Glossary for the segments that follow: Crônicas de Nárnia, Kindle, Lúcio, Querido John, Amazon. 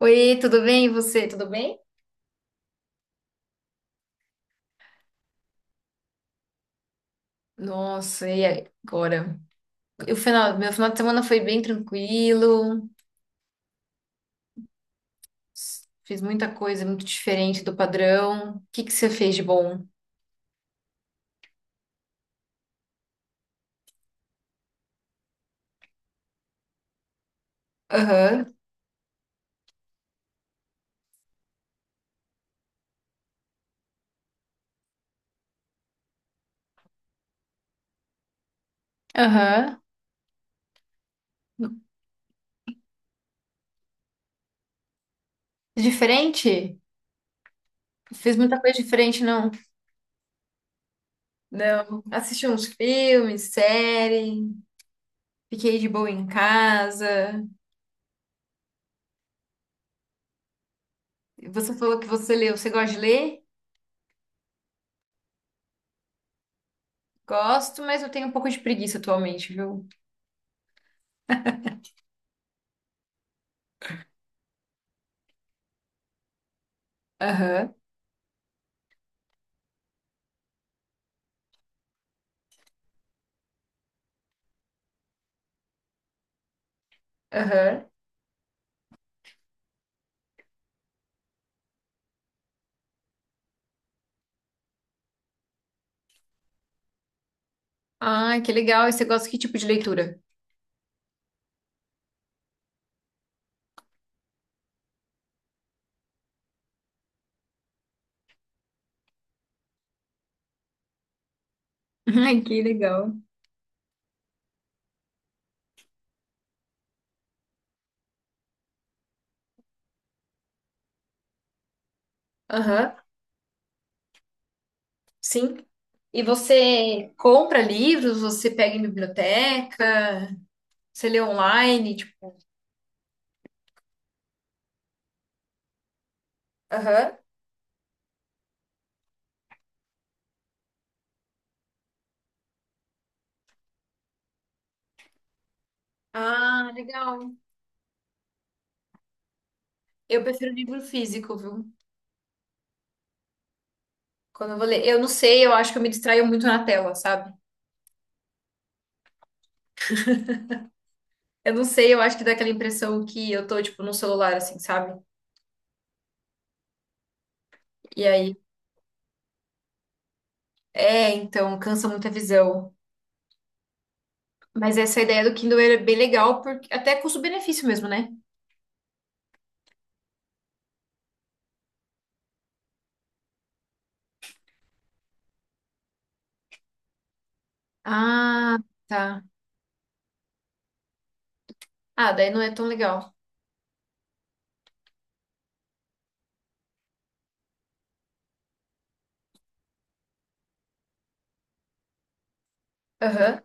Oi, tudo bem? E você, tudo bem? Nossa, e agora? Meu final de semana foi bem tranquilo, fiz muita coisa muito diferente do padrão. O que que você fez de bom? Aham, aham. Diferente? Fiz muita coisa diferente, não. Não. Assisti uns filmes, série, fiquei de boa em casa. Você falou que você leu. Você gosta de ler? Gosto, mas eu tenho um pouco de preguiça atualmente, viu? Aham, aham. Ah, que legal. E você gosta que tipo de leitura? Ai, que legal. Aham, sim. E você compra livros? Você pega em biblioteca? Você lê online? Tipo... Aham. Ah, legal. Eu prefiro livro físico, viu? Quando eu vou ler. Eu não sei, eu acho que eu me distraio muito na tela, sabe? Eu não sei, eu acho que dá aquela impressão que eu tô, tipo, no celular, assim, sabe? E aí. É, então, cansa muito a visão. Mas essa ideia do Kindle é bem legal, porque até custo-benefício mesmo, né? Ah, tá. Ah, daí não é tão legal. Aham.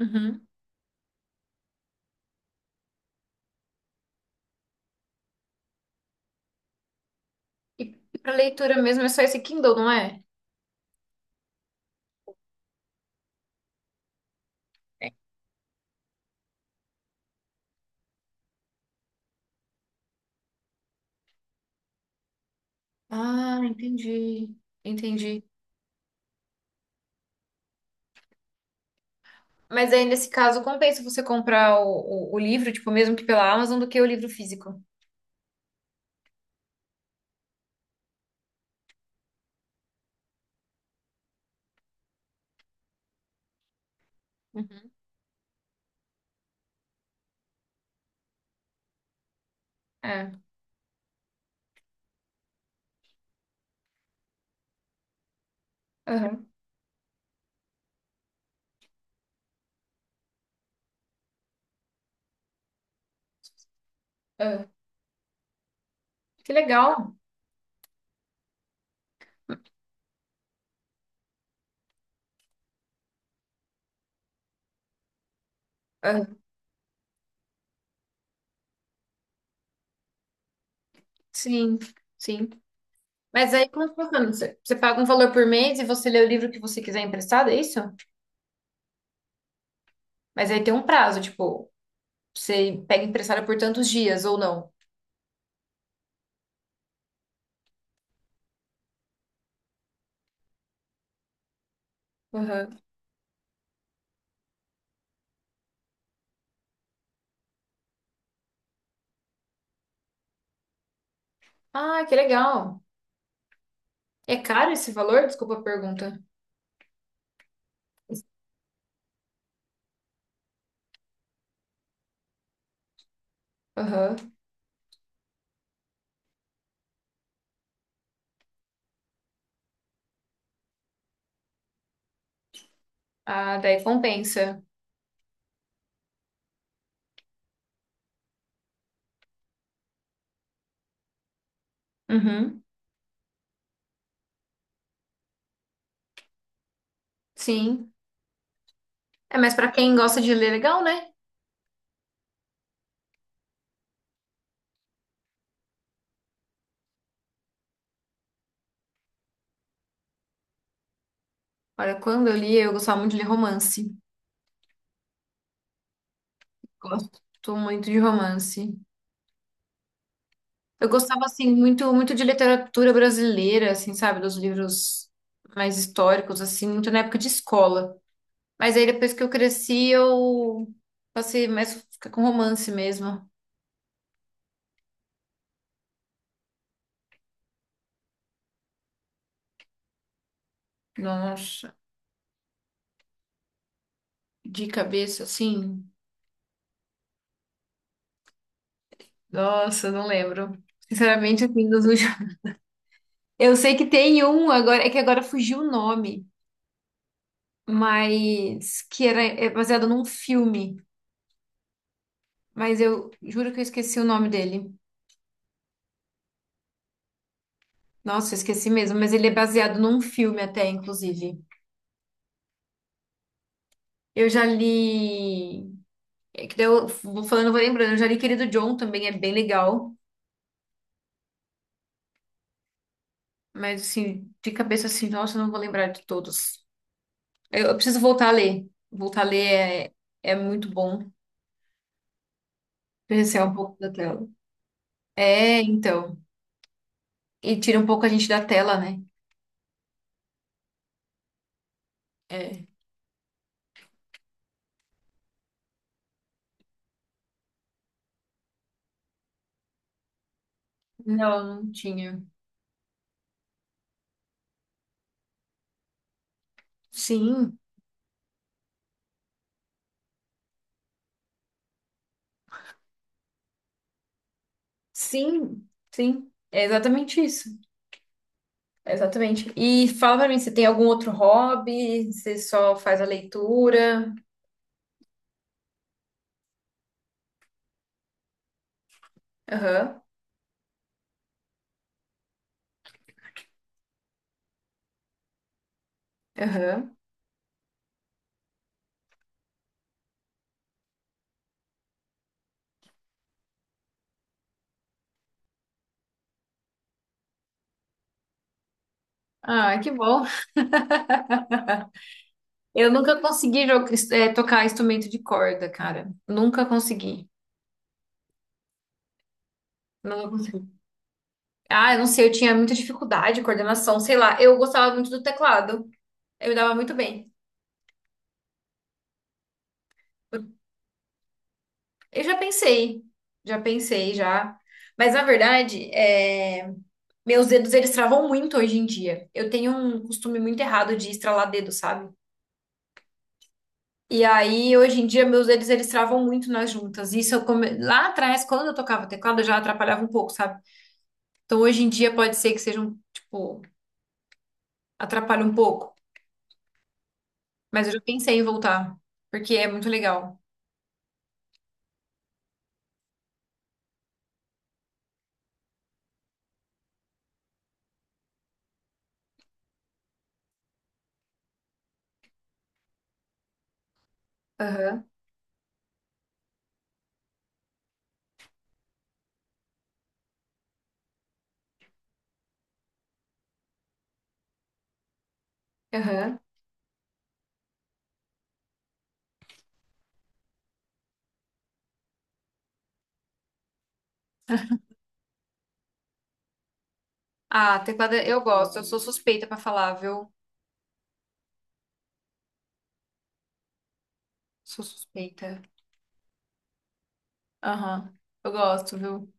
Uhum. E, e para leitura mesmo é só esse Kindle, não é? É. Ah, entendi. Entendi. Mas aí, nesse caso, compensa você comprar o livro, tipo, mesmo que pela Amazon, do que o livro físico. Uhum. É. Aham. Aham. Que legal. Aham. Sim, sim. Mas aí, como funciona? Você paga um valor por mês e você lê o livro que você quiser emprestado, é isso? Mas aí tem um prazo, tipo, você pega emprestado por tantos dias ou não. Ah, que legal. É caro esse valor? Desculpa a pergunta. Aham. Ah, daí compensa. Uhum. Sim. É, mas pra quem gosta de ler, legal, né? Olha, quando eu li, eu gostava muito de ler romance. Gosto muito de romance. Eu gostava, assim, muito, muito de literatura brasileira, assim, sabe? Dos livros mais históricos, assim, muito na época de escola. Mas aí, depois que eu cresci, eu passei mais a ficar com romance mesmo. Nossa, de cabeça, assim. Nossa, não lembro. Sinceramente, assim, dos últimos. Eu sei que tem um agora, é que agora fugiu o nome, mas que era é baseado num filme. Mas eu juro que eu esqueci o nome dele. Nossa, eu esqueci mesmo, mas ele é baseado num filme até, inclusive. Eu já li. É que daí eu vou falando, eu vou lembrando. Eu já li Querido John também, é bem legal. Mas assim, de cabeça assim, nossa, eu não vou lembrar de todos. Eu preciso voltar a ler. Voltar a ler é, é muito bom. Presenciar um pouco da tela. É, então. E tira um pouco a gente da tela, né? É. Não, não tinha. Sim, sim, sim. É exatamente isso. É exatamente. E fala pra mim, você tem algum outro hobby? Você só faz a leitura? Aham. Aham. Ah, que bom. Eu nunca consegui jo- tocar instrumento de corda, cara. Nunca consegui. Não consegui. Ah, eu não sei, eu tinha muita dificuldade, coordenação, sei lá. Eu gostava muito do teclado. Eu me dava muito bem. Eu já pensei, já pensei já. Mas na verdade, é, meus dedos eles travam muito hoje em dia. Eu tenho um costume muito errado de estralar dedo, sabe? E aí, hoje em dia, meus dedos eles travam muito nas juntas. Isso eu come... lá atrás, quando eu tocava teclado, já atrapalhava um pouco, sabe? Então hoje em dia pode ser que seja um, tipo, atrapalha um pouco. Mas eu já pensei em voltar, porque é muito legal. Aham, aham. Ah, teclado é, eu gosto. Eu sou suspeita pra falar, viu? Sou suspeita. Aham. Eu gosto, viu?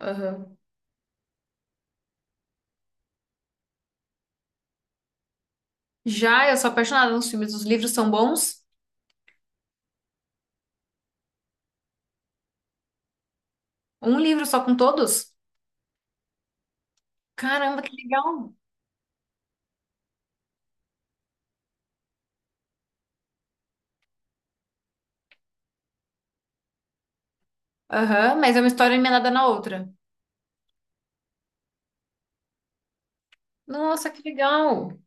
Aham. Já eu sou apaixonada nos filmes. Os livros são bons? Um livro só com todos? Caramba, que legal. Aham, mas é uma história emendada na outra. Nossa, que legal.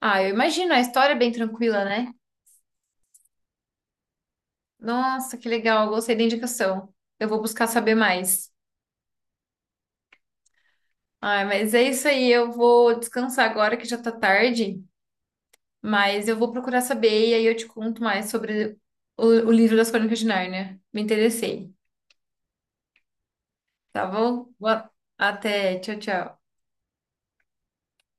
Ah, eu imagino, a história é bem tranquila, né? Nossa, que legal. Gostei da indicação. Eu vou buscar saber mais. Ai, mas é isso aí. Eu vou descansar agora que já tá tarde, mas eu vou procurar saber e aí eu te conto mais sobre o livro das Crônicas de Nárnia. Me interessei. Tá bom? Boa- Até. Tchau, tchau.